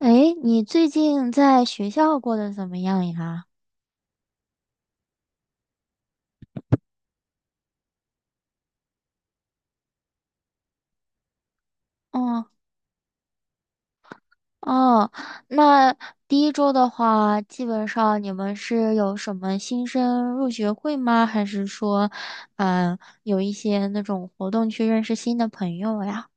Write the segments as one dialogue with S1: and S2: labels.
S1: 诶，你最近在学校过得怎么样呀？哦哦，那第一周的话，基本上你们是有什么新生入学会吗？还是说，有一些那种活动去认识新的朋友呀？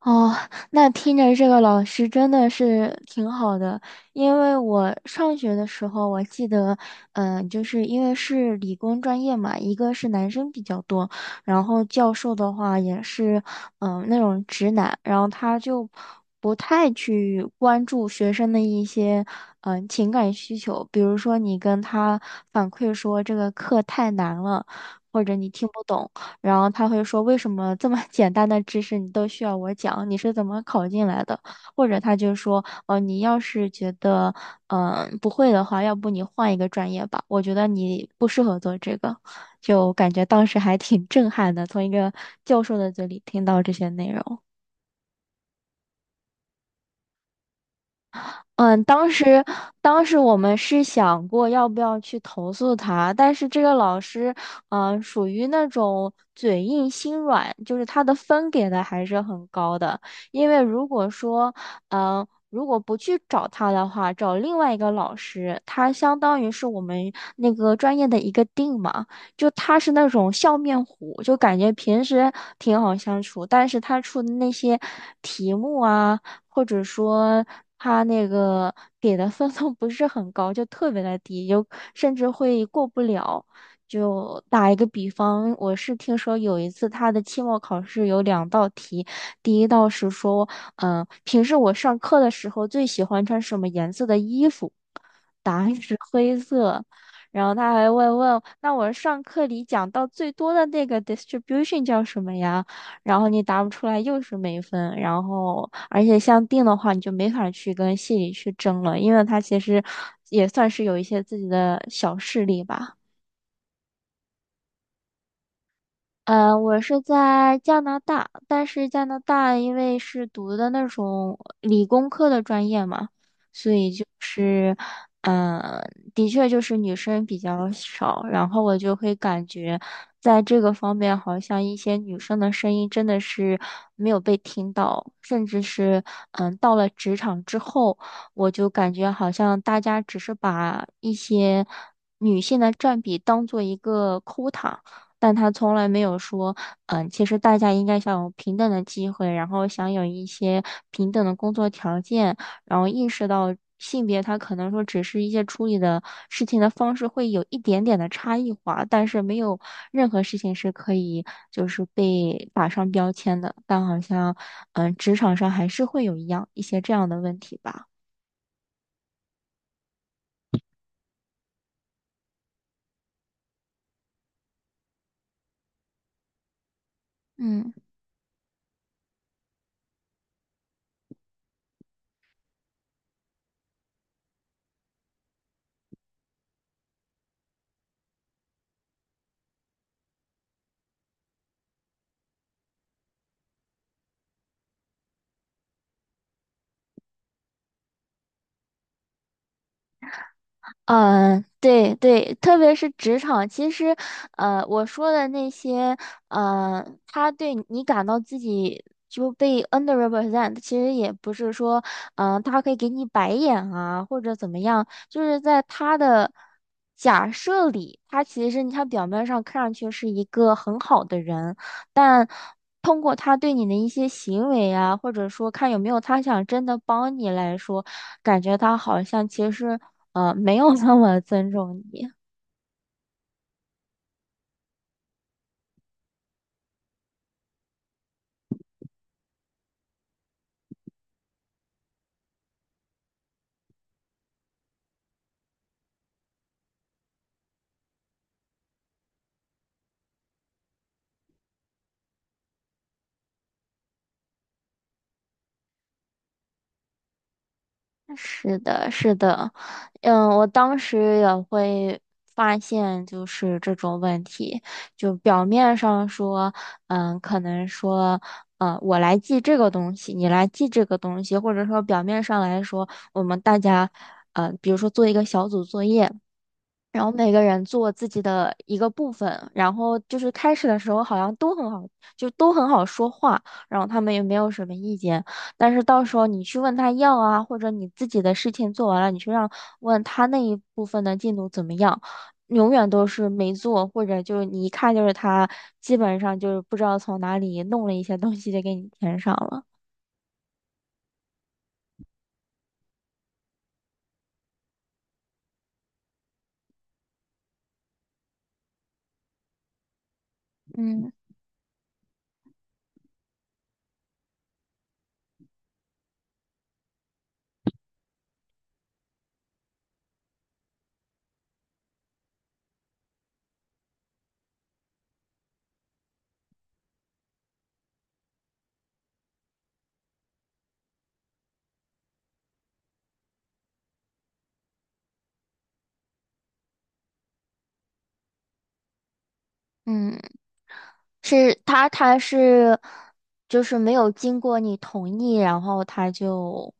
S1: 哦，那听着这个老师真的是挺好的，因为我上学的时候，我记得，就是因为是理工专业嘛，一个是男生比较多，然后教授的话也是，那种直男，然后他就不太去关注学生的一些，情感需求，比如说你跟他反馈说这个课太难了，或者你听不懂。然后他会说为什么这么 简单的知识你都需要我讲？你是怎么考进来的？或者他就说，哦，你要是觉得不会的话，要不你换一个专业吧，我觉得你不适合做这个。就感觉当时还挺 震撼的，从一个教授的嘴里听到这些内容。嗯，当时我们是想过要不要去投诉他，但是这个老师，属于那种嘴硬心软，就是他的分给的还是很高的。因为如果说，嗯、如果不去找他的话，找另外一个老师，他相当于是我们那个专业的一个定嘛，就他是那种笑面虎，就感觉平时挺好相处，但是他出的那些题目啊。或者说他那个给的分数不是很高，就特别的低，有甚至会过不了。就打一个比方，我是听说有一次他的期末考试有两道题，第一道是说，平时我上课的时候最喜欢穿什么颜色的衣服？答案是灰色。然后他还问，那我上课里讲到最多的那个 distribution 叫什么呀？然后你答不出来又是没分。然后而且像定的话，你就没法去跟系里去争了，因为他其实也算是有一些自己的小势力吧。呃，我是在加拿大，但是加拿大因为是读的那种理工科的专业嘛，所以就是，嗯、的确就是女生比较少，然后我就会感觉，在这个方面，好像一些女生的声音真的是没有被听到，甚至是，到了职场之后，我就感觉好像大家只是把一些女性的占比当做一个 quota。但他从来没有说，嗯，其实大家应该享有平等的机会，然后享有一些平等的工作条件，然后意识到性别他可能说只是一些处理的事情的方式会有一点点的差异化，但是没有任何事情是可以就是被打上标签的。但好像，嗯，职场上还是会有一样一些这样的问题吧。嗯。嗯，对对，特别是职场，其实，呃，我说的那些，呃，他对你感到自己就被 underrepresent，其实也不是说，他可以给你白眼啊，或者怎么样，就是在他的假设里，他其实他表面上看上去是一个很好的人，但通过他对你的一些行为啊，或者说看有没有他想真的帮你来说，感觉他好像其实。没有那么尊重你。是的，是的，嗯，我当时也会发现，就是这种问题，就表面上说，嗯，可能说，嗯，我来记这个东西，你来记这个东西，或者说表面上来说，我们大家，呃，比如说做一个小组作业。然后每个人做自己的一个部分，然后就是开始的时候好像都很好，就都很好说话，然后他们也没有什么意见。但是到时候你去问他要啊，或者你自己的事情做完了，你去让问他那一部分的进度怎么样，永远都是没做，或者就是你一看就是他基本上就是不知道从哪里弄了一些东西就给你填上了。嗯嗯。是他，他是就是没有经过你同意，然后他就，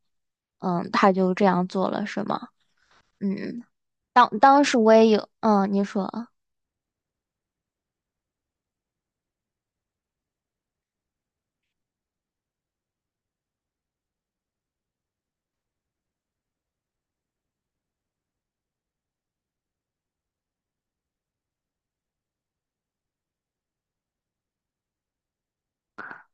S1: 嗯，他就这样做了，是吗？嗯，当时我也有，嗯，你说。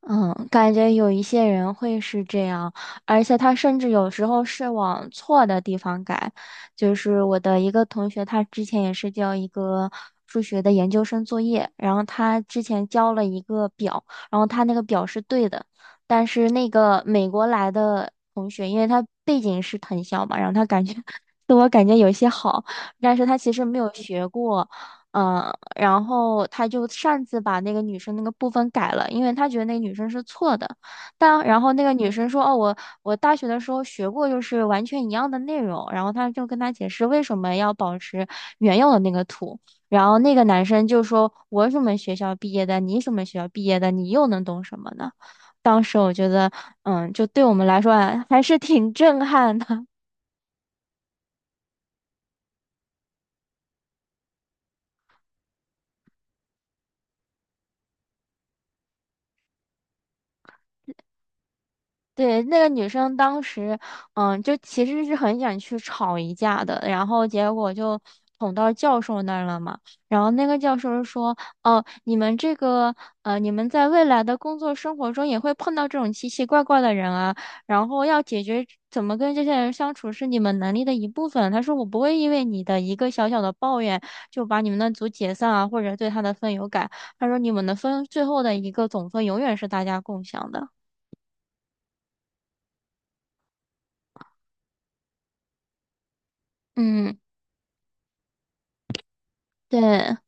S1: 嗯，感觉有一些人会是这样，而且他甚至有时候是往错的地方改。就是我的一个同学，他之前也是交一个数学的研究生作业，然后他之前交了一个表，然后他那个表是对的，但是那个美国来的同学，因为他背景是藤校嘛，然后他感觉 自我感觉有些好，但是他其实没有学过。嗯，然后他就擅自把那个女生那个部分改了，因为他觉得那个女生是错的。但然后那个女生说：“哦，我我大学的时候学过，就是完全一样的内容。”然后他就跟他解释为什么要保持原有的那个图。然后那个男生就说：“我什么学校毕业的？你什么学校毕业的？你又能懂什么呢？”当时我觉得，嗯，就对我们来说啊还是挺震撼的。对，那个女生当时，嗯，就其实是很想去吵一架的，然后结果就捅到教授那儿了嘛。然后那个教授说：“哦，你们这个，呃，你们在未来的工作生活中也会碰到这种奇奇怪怪的人啊，然后要解决怎么跟这些人相处是你们能力的一部分。”他说：“我不会因为你的一个小小的抱怨就把你们的组解散啊，或者对他的分有改。”他说：“你们的分最后的一个总分永远是大家共享的。”嗯，对。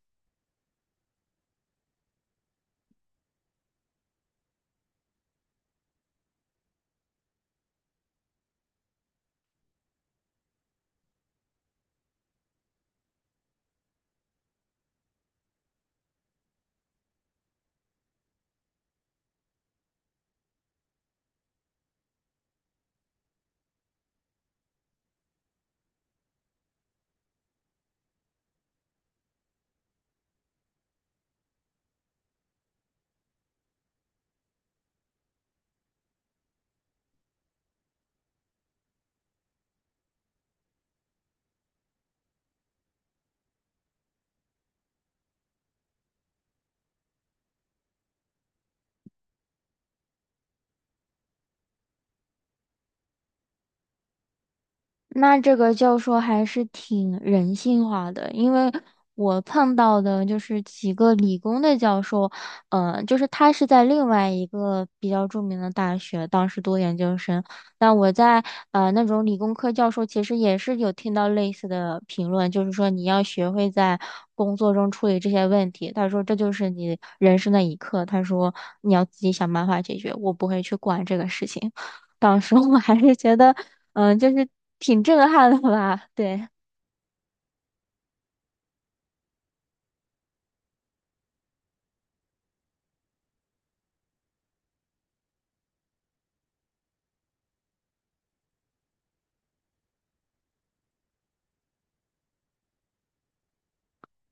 S1: 那这个教授还是挺人性化的，因为我碰到的就是几个理工的教授，呃，就是他是在另外一个比较著名的大学，当时读研究生。但我在那种理工科教授，其实也是有听到类似的评论，就是说你要学会在工作中处理这些问题。他说这就是你人生的一课，他说你要自己想办法解决，我不会去管这个事情。当时我还是觉得，嗯，就是挺震撼的吧？对，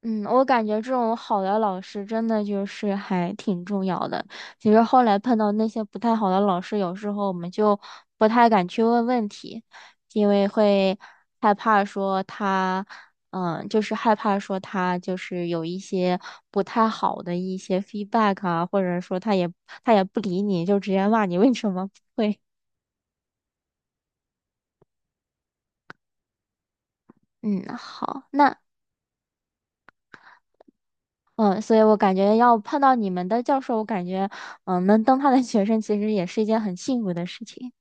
S1: 嗯，我感觉这种好的老师真的就是还挺重要的。其实后来碰到那些不太好的老师，有时候我们就不太敢去问问题，因为会害怕说他，嗯，就是害怕说他就是有一些不太好的一些 feedback 啊，或者说他也不理你，就直接骂你为什么不会。嗯，好，那。嗯，所以我感觉要碰到你们的教授，我感觉，嗯，能当他的学生其实也是一件很幸福的事情。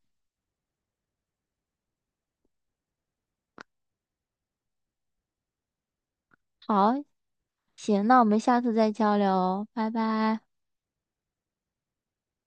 S1: 好，行，那我们下次再交流哦拜拜。